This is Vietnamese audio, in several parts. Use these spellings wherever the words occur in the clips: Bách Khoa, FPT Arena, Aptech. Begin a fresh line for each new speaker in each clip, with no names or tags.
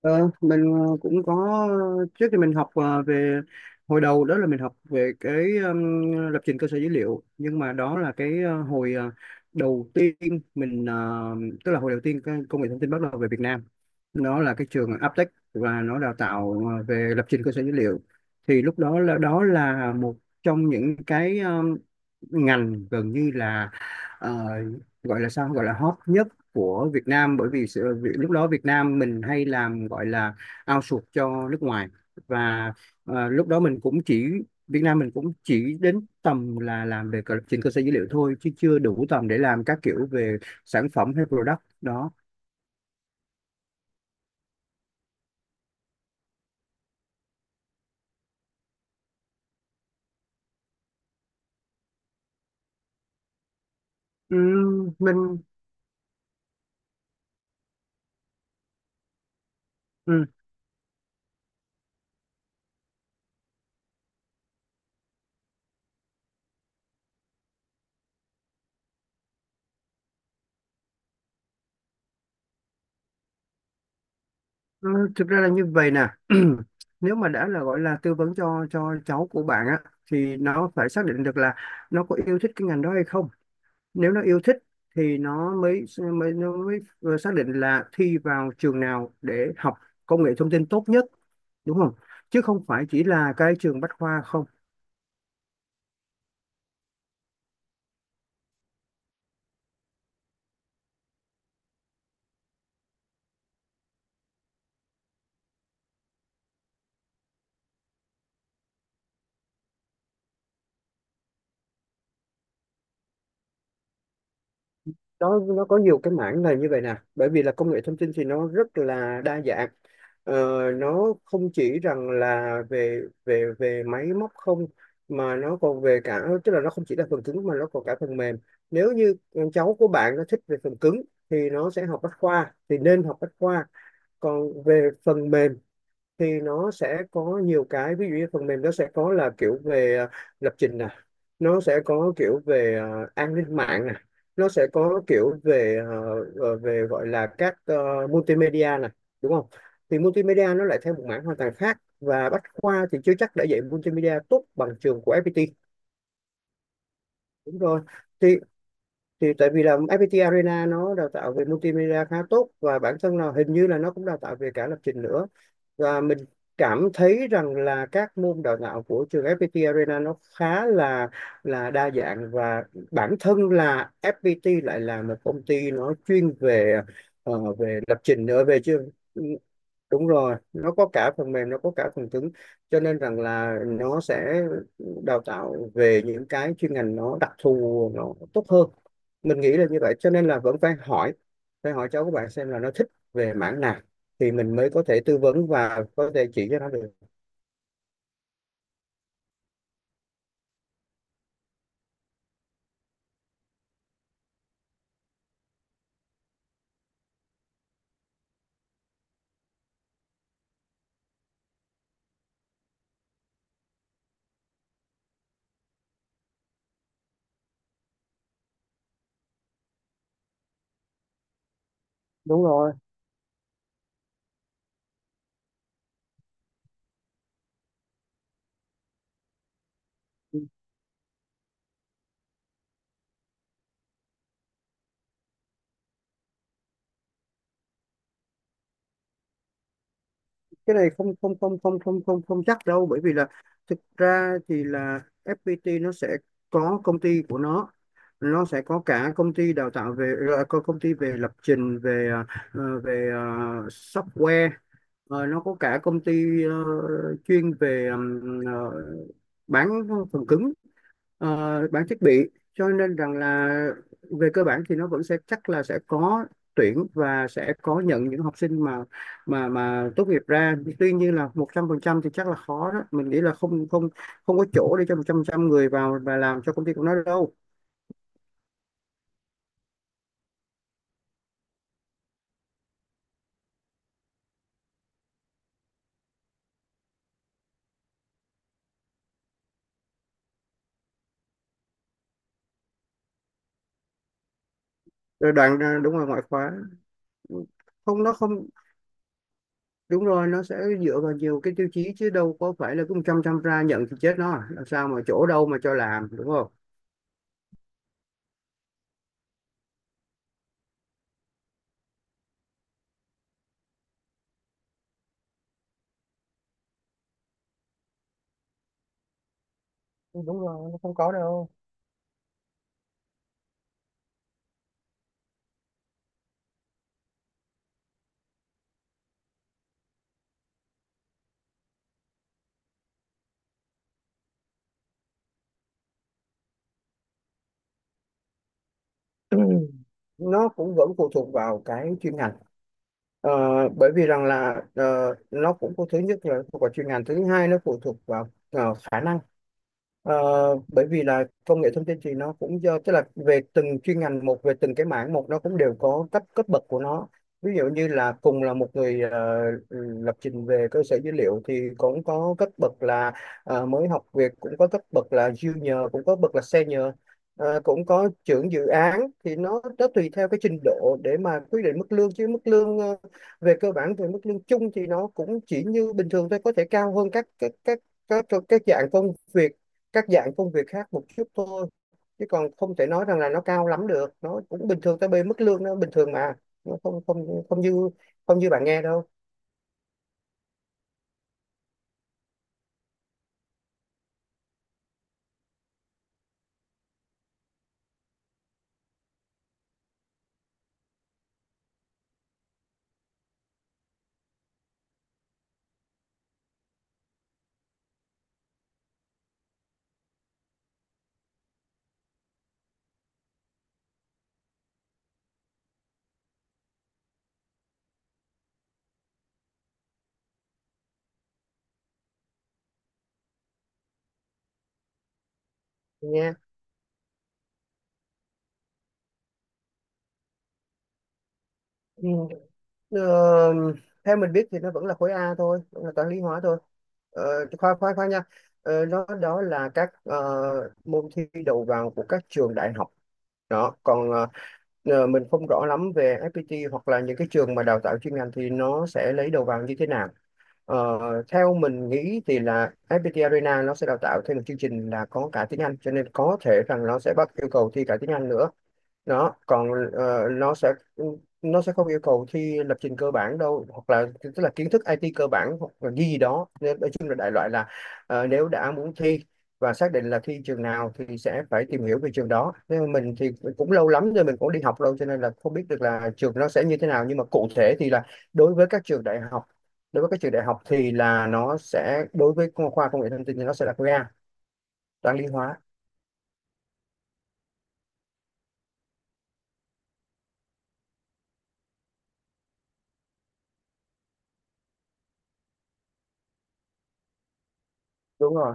Ờ, mình cũng có trước thì mình học về hồi đầu, đó là mình học về cái lập trình cơ sở dữ liệu, nhưng mà đó là cái hồi đầu tiên mình ờ, tức là hồi đầu tiên cái công nghệ thông tin bắt đầu về Việt Nam, nó là cái trường Aptech và nó đào tạo về lập trình cơ sở dữ liệu. Thì lúc đó là một trong những cái ngành gần như là ờ, gọi là sao, gọi là hot nhất của Việt Nam, vì lúc đó Việt Nam mình hay làm, gọi là outsource cho nước ngoài. Và lúc đó mình cũng chỉ Việt Nam mình cũng chỉ đến tầm là làm về trên cơ sở dữ liệu thôi, chứ chưa đủ tầm để làm các kiểu về sản phẩm hay product đó. Ừm, mình Ờ, Thực ra là như vậy nè. Nếu mà đã là gọi là tư vấn cho cháu của bạn á, thì nó phải xác định được là nó có yêu thích cái ngành đó hay không. Nếu nó yêu thích thì nó mới vừa xác định là thi vào trường nào để học công nghệ thông tin tốt nhất, đúng không? Chứ không phải chỉ là cái trường Bách Khoa không. Nó có nhiều cái mảng là như vậy nè, bởi vì là công nghệ thông tin thì nó rất là đa dạng. ờ, nó không chỉ rằng là về về về máy móc không, mà nó còn về cả, tức là nó không chỉ là phần cứng mà nó còn cả phần mềm. Nếu như con cháu của bạn nó thích về phần cứng thì nó sẽ học bách khoa, thì nên học bách khoa. Còn về phần mềm thì nó sẽ có nhiều cái, ví dụ như phần mềm nó sẽ có là kiểu về lập trình nè, nó sẽ có kiểu về an ninh mạng nè, nó sẽ có kiểu về về gọi là các multimedia nè, đúng không? Thì multimedia nó lại theo một mảng hoàn toàn khác, và Bách Khoa thì chưa chắc đã dạy multimedia tốt bằng trường của FPT. Đúng rồi. thì thì tại vì là FPT Arena nó đào tạo về multimedia khá tốt, và bản thân là hình như là nó cũng đào tạo về cả lập trình nữa. Và mình cảm thấy rằng là các môn đào tạo của trường FPT Arena nó khá là đa dạng, và bản thân là FPT lại là một công ty nó chuyên về ờ, về lập trình ở về chưa đúng rồi. Nó có cả phần mềm, nó có cả phần cứng, cho nên rằng là nó sẽ đào tạo về những cái chuyên ngành nó đặc thù nó tốt hơn. Mình nghĩ là như vậy, cho nên là vẫn phải hỏi, cháu của bạn xem là nó thích về mảng nào thì mình mới có thể tư vấn và có thể chỉ cho nó được. Đúng rồi. Cái này không không không không không không không chắc đâu, bởi vì là thực ra thì là FPT nó sẽ có công ty của nó. Nó sẽ có cả công ty đào tạo về có công ty về lập trình về ờ, về ờ, software. Nó có cả công ty chuyên về bán phần cứng, bán thiết bị. Cho nên rằng là về cơ bản thì nó vẫn sẽ, chắc là sẽ có tuyển và sẽ có nhận những học sinh mà tốt nghiệp ra. Tuy nhiên là 100% thì chắc là khó đó, mình nghĩ là không không, không có chỗ để cho 100% người vào và làm cho công ty của nó đâu. Rồi đoạn đúng rồi, ngoại khóa. Không, nó không. Đúng rồi, nó sẽ dựa vào nhiều cái tiêu chí, chứ đâu có phải là cứ 100% ra nhận thì chết nó à. Làm sao mà chỗ đâu mà cho làm, đúng không? Ừ, đúng rồi, nó không có đâu. Nó cũng vẫn phụ thuộc vào cái chuyên ngành. Ờ, Bởi vì rằng là nó cũng có, thứ nhất là phụ thuộc vào chuyên ngành, thứ hai nó phụ thuộc vào khả năng. Ờ, Bởi vì là công nghệ thông tin thì nó cũng do, tức là về từng chuyên ngành một, về từng cái mảng một, nó cũng đều có cấp cấp bậc của nó. Ví dụ như là cùng là một người lập trình về cơ sở dữ liệu thì cũng có cấp bậc là mới học việc, cũng có cấp bậc là junior, cũng có bậc là senior. Cũng có trưởng dự án. Thì nó tùy theo cái trình độ để mà quyết định mức lương, chứ mức lương về cơ bản, về mức lương chung thì nó cũng chỉ như bình thường thôi, có thể cao hơn các dạng công việc, khác một chút thôi. Chứ còn không thể nói rằng là nó cao lắm được, nó cũng bình thường, tới bê mức lương nó bình thường mà. Nó không không không như không như bạn nghe đâu nha. Ừ. Ờ, Theo mình biết thì nó vẫn là khối A thôi, vẫn là toán lý hóa thôi. Ờ, khoa khoa khoa nha ờ, Nó, đó là các môn thi đầu vào của các trường đại học. Đó còn mình không rõ lắm về FPT hoặc là những cái trường mà đào tạo chuyên ngành thì nó sẽ lấy đầu vào như thế nào. Ờ, Theo mình nghĩ thì là FPT Arena nó sẽ đào tạo thêm một chương trình là có cả tiếng Anh, cho nên có thể rằng nó sẽ bắt yêu cầu thi cả tiếng Anh nữa. Đó còn nó sẽ không yêu cầu thi lập trình cơ bản đâu, hoặc là tức là kiến thức IT cơ bản hoặc là gì gì đó, nên nói chung là đại loại là nếu đã muốn thi và xác định là thi trường nào thì sẽ phải tìm hiểu về trường đó. Nên mình thì cũng lâu lắm rồi, mình cũng đi học lâu cho nên là không biết được là trường nó sẽ như thế nào, nhưng mà cụ thể thì là đối với các trường đại học, thì là nó sẽ, đối với khoa khoa công nghệ thông tin thì nó sẽ là khoa, toán lý hóa. Đúng rồi,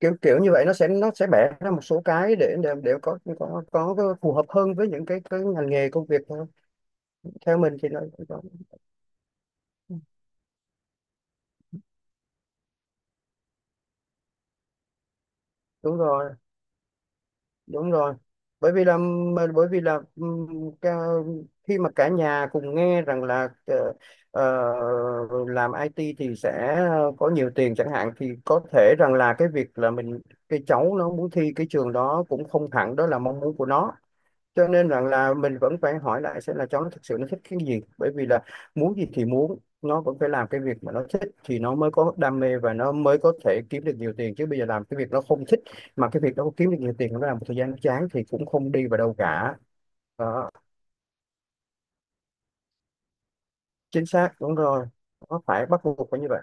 kiểu kiểu như vậy. Nó sẽ bẻ ra một số cái để để có có phù hợp hơn với những cái ngành nghề công việc thôi. Theo mình thì nó, đúng rồi. Đúng rồi. Bởi vì là bởi vì là ừm, ca- khi mà cả nhà cùng nghe rằng là ờ, làm IT thì sẽ có nhiều tiền chẳng hạn, thì có thể rằng là cái việc là mình, cái cháu nó muốn thi cái trường đó cũng không hẳn đó là mong muốn của nó. Cho nên rằng là mình vẫn phải hỏi lại xem là cháu nó thực sự nó thích cái gì. Bởi vì là muốn gì thì muốn, nó vẫn phải làm cái việc mà nó thích thì nó mới có đam mê và nó mới có thể kiếm được nhiều tiền. Chứ bây giờ làm cái việc nó không thích, mà cái việc nó kiếm được nhiều tiền, nó làm một thời gian nó chán thì cũng không đi vào đâu cả. Đó. Chính xác, đúng rồi. Nó phải bắt buộc phải như vậy.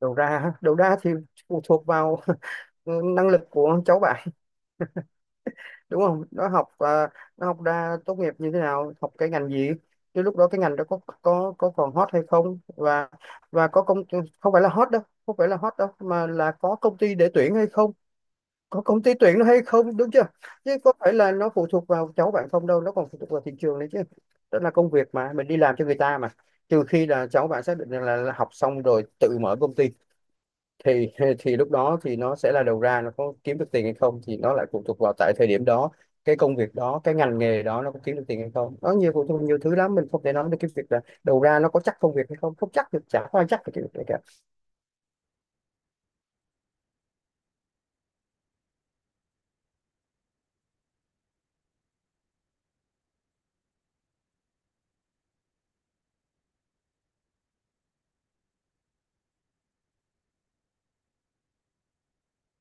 Đầu ra, thì phụ thuộc vào năng lực của cháu bạn, đúng không? Nó học nó học ra tốt nghiệp như thế nào, học cái ngành gì. Chứ lúc đó cái ngành đó có có còn hot hay không. Và và có công không phải là hot đâu, không phải là hot đâu mà là có công ty để tuyển hay không. Có công ty tuyển nó hay không, đúng chưa? Chứ có phải là nó phụ thuộc vào cháu bạn không đâu, nó còn phụ thuộc vào thị trường đấy chứ. Đó là công việc mà mình đi làm cho người ta mà. Trừ khi là cháu bạn xác định rằng là học xong rồi tự mở công ty, thì thì lúc đó thì nó sẽ là đầu ra nó có kiếm được tiền hay không thì nó lại phụ thuộc vào tại thời điểm đó, cái công việc đó, cái ngành nghề đó nó có kiếm được tiền hay không. Nó phụ thuộc nhiều thứ lắm, mình không thể nói được cái việc là đầu ra nó có chắc công việc hay không, không chắc được, chả có ai chắc được cái việc này cả.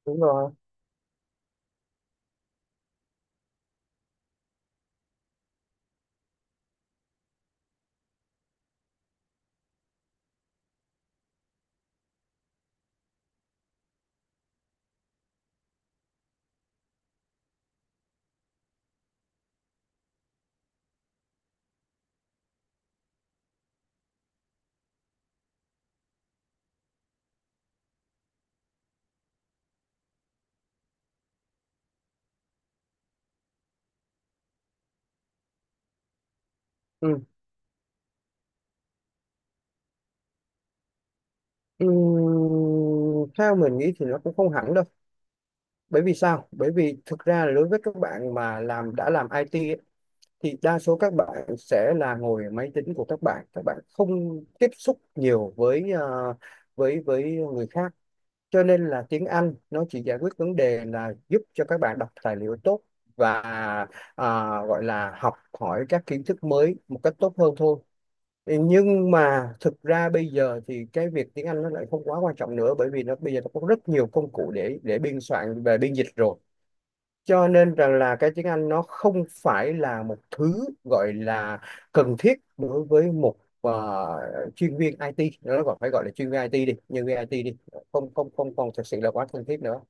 Đúng rồi. Ừ. Ừ. Theo mình nghĩ thì nó cũng không hẳn đâu. Bởi vì sao? Bởi vì thực ra là đối với các bạn mà đã làm IT ấy, thì đa số các bạn sẽ là ngồi ở máy tính của các bạn, các bạn không tiếp xúc nhiều với với người khác. Cho nên là tiếng Anh nó chỉ giải quyết vấn đề là giúp cho các bạn đọc tài liệu tốt và à, gọi là học hỏi các kiến thức mới một cách tốt hơn thôi. Ừ, nhưng mà thực ra bây giờ thì cái việc tiếng Anh nó lại không quá quan trọng nữa, bởi vì bây giờ nó có rất nhiều công cụ để biên soạn về biên dịch rồi. Cho nên rằng là cái tiếng Anh nó không phải là một thứ gọi là cần thiết đối với một chuyên viên IT, nó gọi, phải gọi là chuyên viên IT đi, nhân viên IT đi. Không không Không còn thực sự là quá cần thiết nữa.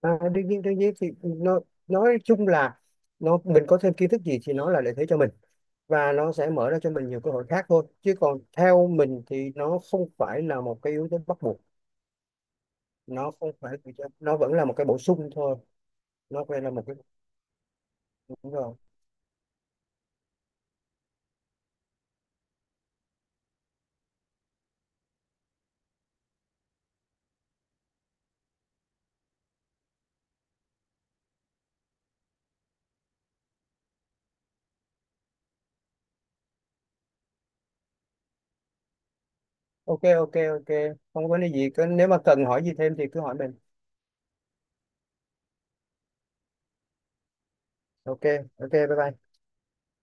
Đương nhiên, đương nhiên thì nó, nói chung là nó, mình có thêm kiến thức gì thì nó là lợi thế cho mình, và nó sẽ mở ra cho mình nhiều cơ hội khác thôi. Chứ còn theo mình thì nó không phải là một cái yếu tố bắt buộc. Nó không phải, nó vẫn là một cái bổ sung thôi. Nó phải là một cái bổ sung thôi. OK, OK, OK, không có vấn đề gì, cứ nếu mà cần hỏi gì thêm thì cứ hỏi mình. OK, OK, bye bye.